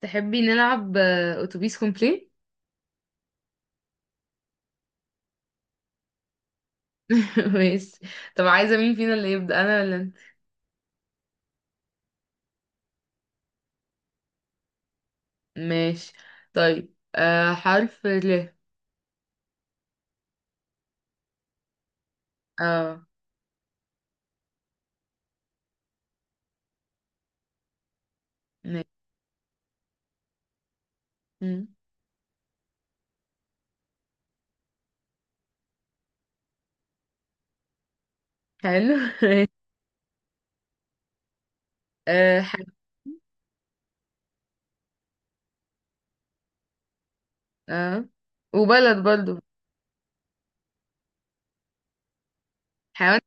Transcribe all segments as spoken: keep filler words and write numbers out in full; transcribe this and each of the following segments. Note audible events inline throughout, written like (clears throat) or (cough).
تحبي نلعب آه، اتوبيس كومبلين (laughs) ماشي. طب عايزة مين فينا اللي يبدأ، انا ولا انت؟ ماشي. طيب آه حرف ال اه. ماشي. مم. حلو (laughs) ماشي. آه حاجة. اه، وبلد برضو. حيوان.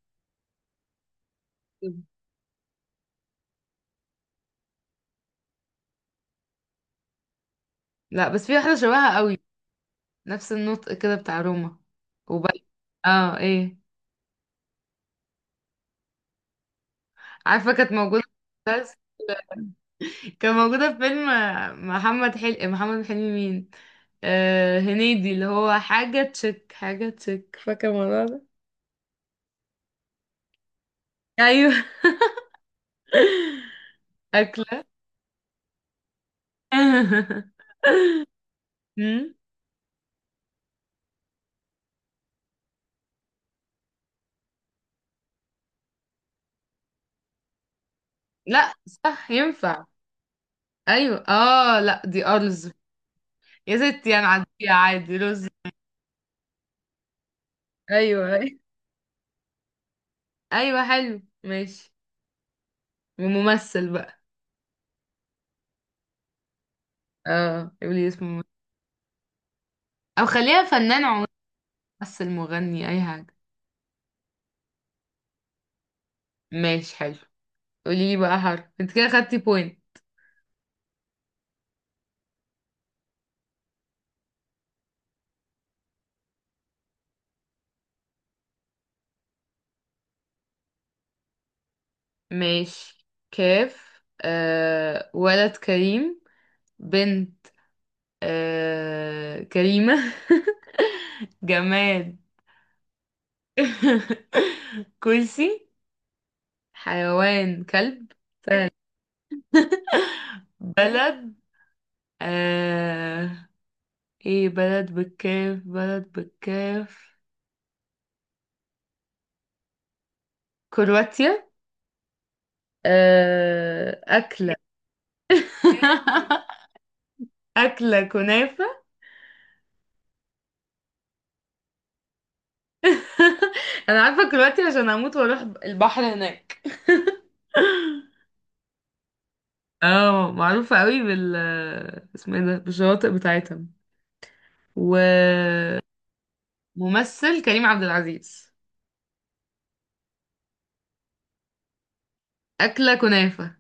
لا بس في واحدة شبهها قوي، نفس النطق كده بتاع روما. وبلد. اه، ايه؟ عارفة كانت موجودة، كان موجودة في فيلم محمد حلمي. محمد حلمي مين؟ آه هنيدي، اللي هو حاجة تشك حاجة تشك، فاكرة الموضوع ده؟ أيوه (laughs) أكلة (laughs) مم؟ لا، صح ينفع. أيوه اه، لا دي أرز. يا ستي أنا عادية، عادي رز. أيوه أيوه. أيوه، حلو ماشي. وممثل بقى. اه قولي اسمه ممثل. أو خليها فنان عموما، ممثل مغني أي حاجة. ماشي حلو. قولي لي بقى حرف، انت كده خدتي بوينت. ماشي كاف. آه ولد كريم. بنت آه كريمة (laughs) جماد (laughs) كرسي. حيوان كلب. سهل. بلد، آه ايه بلد بالكاف؟ بلد بالكاف كرواتيا. آه أكلة (laughs) أكلة كنافة (laughs) أنا عارفة كرواتيا عشان هموت وأروح البحر هناك (laughs) اه، معروفة قوي بال، اسمه ايه ده، بالشواطئ بتاعتها. وممثل كريم عبد العزيز. أكلة كنافة.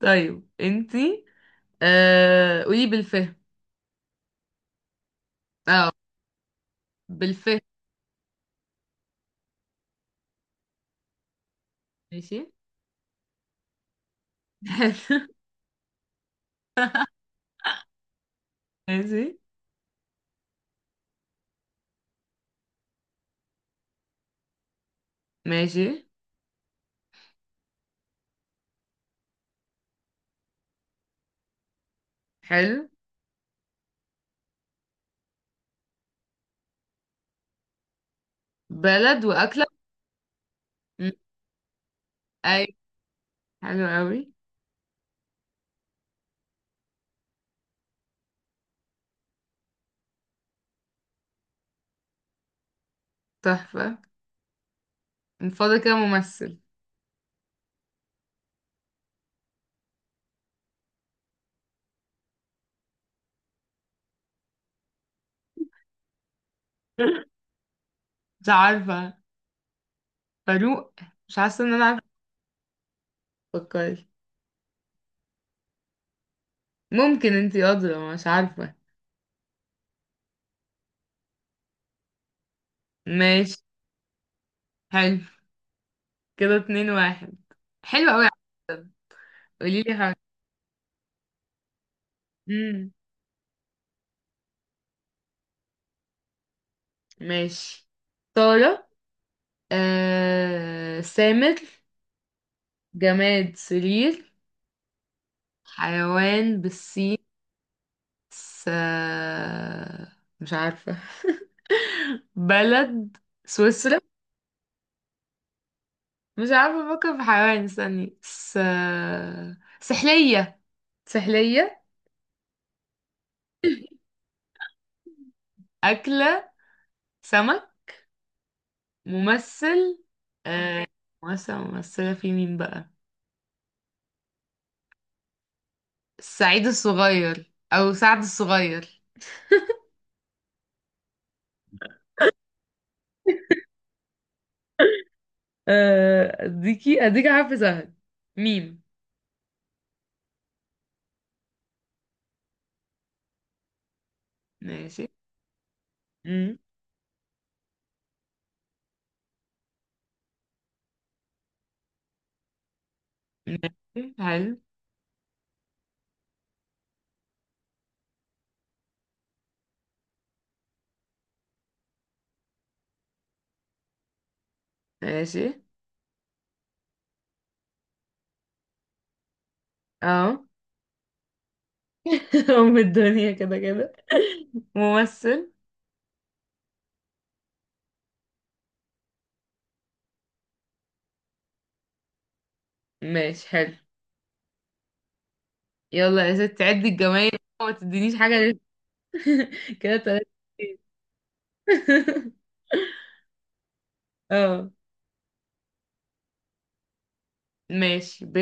طيب انتي، آه... قولي بالفهم. اه بالفهم. ماشي (laughs) ماشي. ماشي حلو. بلد وأكلة. م، أيوة. حلو قوي. تحفة. من فضل كده ممثل. (laughs) مش عارفة فاروق، مش حاسة ان انا عارفة. فكري. ممكن انتي أدرى، مش عارفة. ماشي حلو. كده اتنين واحد. حلو قوي. قولي لي حاجة. امم. ماشي طارق، آه... سامر. جماد سرير. حيوان بالسين، س... مش عارفة. بلد سويسرا. مش عارفة، افكر في حيوان، استني. س... سحلية. سحلية (clears throat) أكلة سمك. ممثل آه... ممثل ممثلة، في مين بقى؟ سعيد الصغير او سعد الصغير. آه، اديكي اديكي حرف سهل، ميم. ماشي مم. ماشي حلو. ماشي اه. (laughs) ام الدنيا كده كده. ممثل. ماشي حلو. يلا يا ست عدي الجمايل، ما تدينيش حاجة لسه. (laughs) كده تلاتة اتنين. (laughs) اه ماشي ب.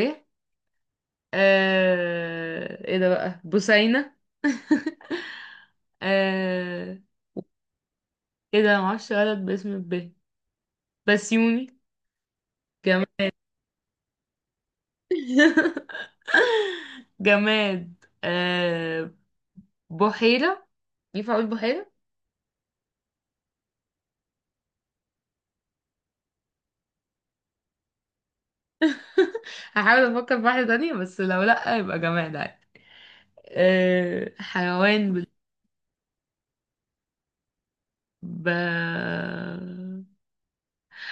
آه... ايه ده بقى، بوسينة؟ (laughs) آه... ايه ده، معرفش ولد باسم ب، بسيوني. جماد (laughs) جماد آه بحيرة. ينفع اقول بحيرة؟ (laughs) هحاول افكر في واحدة تانية، بس لو لأ يبقى جماد عادي. آه حيوان بال- ب...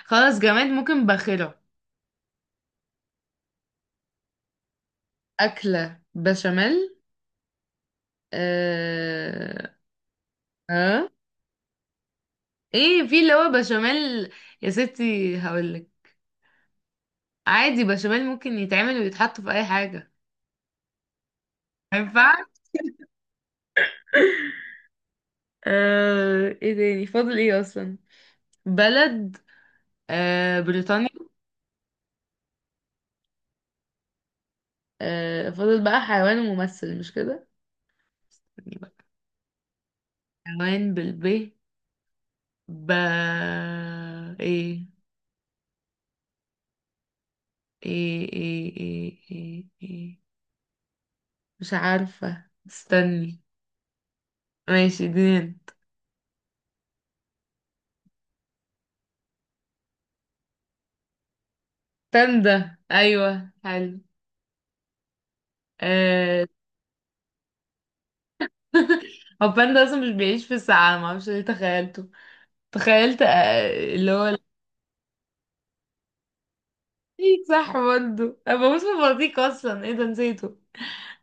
خلاص جماد، ممكن باخرة. أكلة بشاميل. آه... ها؟ ايه، في اللي هو بشاميل، يا ستي هقولك. عادي بشاميل ممكن يتعمل ويتحط في اي حاجة. ما ينفعش. آه ايه تاني، فاضل ايه اصلا؟ بلد آه بريطانيا. آه فاضل بقى حيوان وممثل، مش كده؟ استني بقى. حيوان بالب. ب. ايه ايه ايه ايه ايه إيه, مش عارفة، استني. ماشي دين. باندا، ايوه حلو. آه (laughs) هو باندا اصلا مش بيعيش في الساعة، معرفش ليه تخيلته. تخيلت آه اللي هو، ايه صح برضه، انا بموت في البلطيق اصلا، ايه ده نسيته.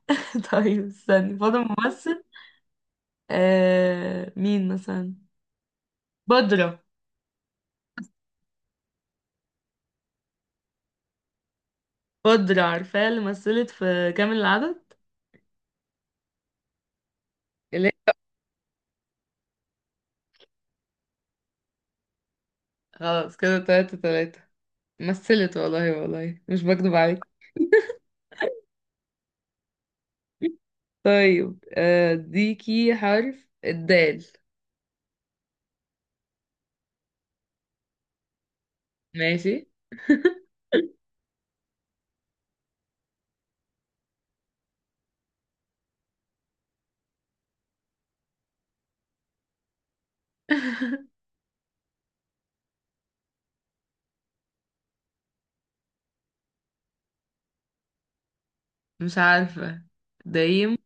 (laughs) طيب استني، فاضل ممثل. آه مين مثلا؟ بدرة. بدرة عارفاها، اللي مثلت في كامل العدد. اللي، خلاص كده تلاتة تلاتة. مثلت والله والله، مش بكدب عليك. طيب آه ديكي حرف الدال. ماشي (laughs) مش عارفة دايم.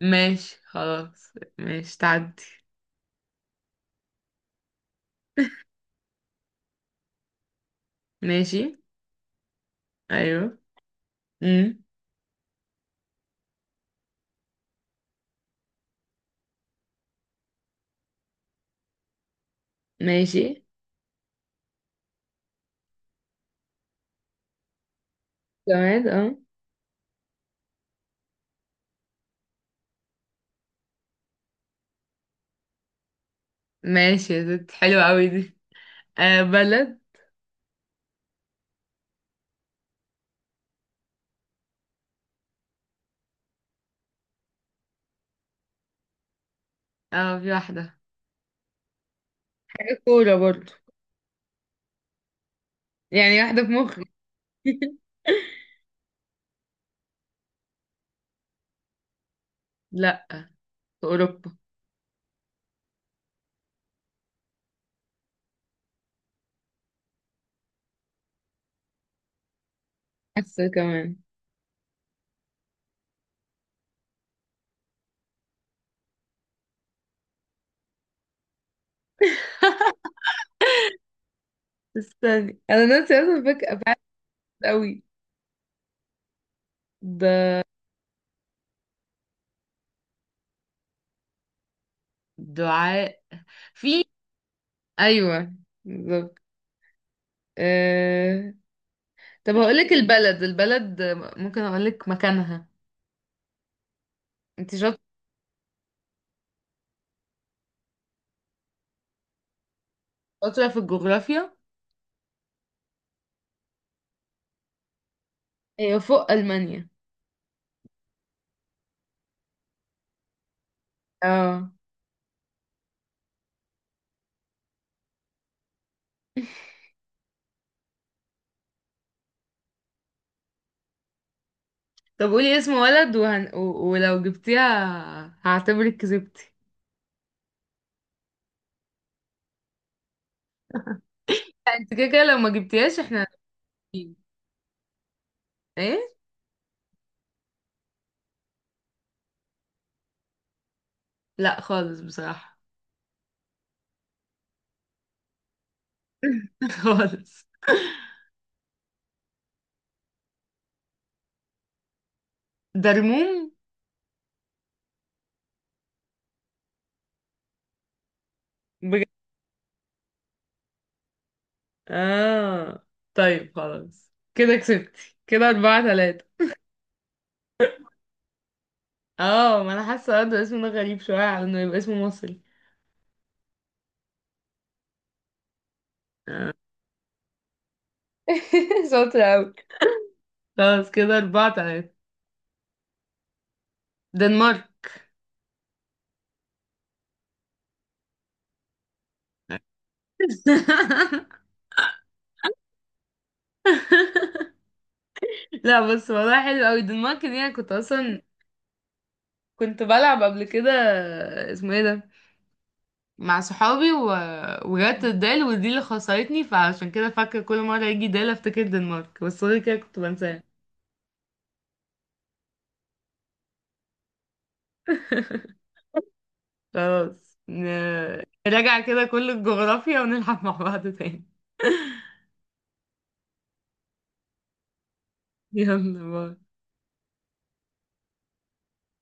ماشي خلاص. ماشي تعدي. ماشي ايوه. امم. ماشي جماد اه. ماشي يا ست، حلوة قوي دي. آه بلد. اه في واحدة، حاجة كورة برضو، يعني واحدة في مخي. (laughs) لأ، في أوروبا. حاسة كمان، استني، انا ناسي اصلا، فاكرة بعد قوي ده. دعاء، في. ايوه بالظبط. أه... طب هقولك البلد. البلد ممكن أقولك مكانها. انت شاط- شاطرة في الجغرافيا. هي فوق المانيا. اه. طب قولي اسم ولد وهن... و... ولو جبتيها هعتبرك كسبتي. لا، انت كده كده لو ما جبتيهاش احنا هنقيم. ايه؟ لا خالص، بصراحة. (laughs) خالص. درموم. بجد؟ اه. طيب خلاص، كده كسبتي، كده أربعة تلاتة. اه ما انا حاسة برضه الاسم ده غريب شوية على انه يبقى اسمه مصري. آه. (laughs) شاطرة اوي. خلاص كده أربعة تلاتة. دنمارك. (laughs) لا بس والله حلو اوي الدنمارك دي، انا كنت اصلا، كنت بلعب قبل كده، اسمه ايه ده، مع صحابي و... وجت الدال، ودي اللي خسرتني، فعشان كده فاكرة كل مرة يجي دال افتكر الدنمارك، بس غير كده كنت بنساه. خلاص، ن- نراجع كده كل الجغرافيا، ونلعب مع بعض تاني. (laughs) يلا باي.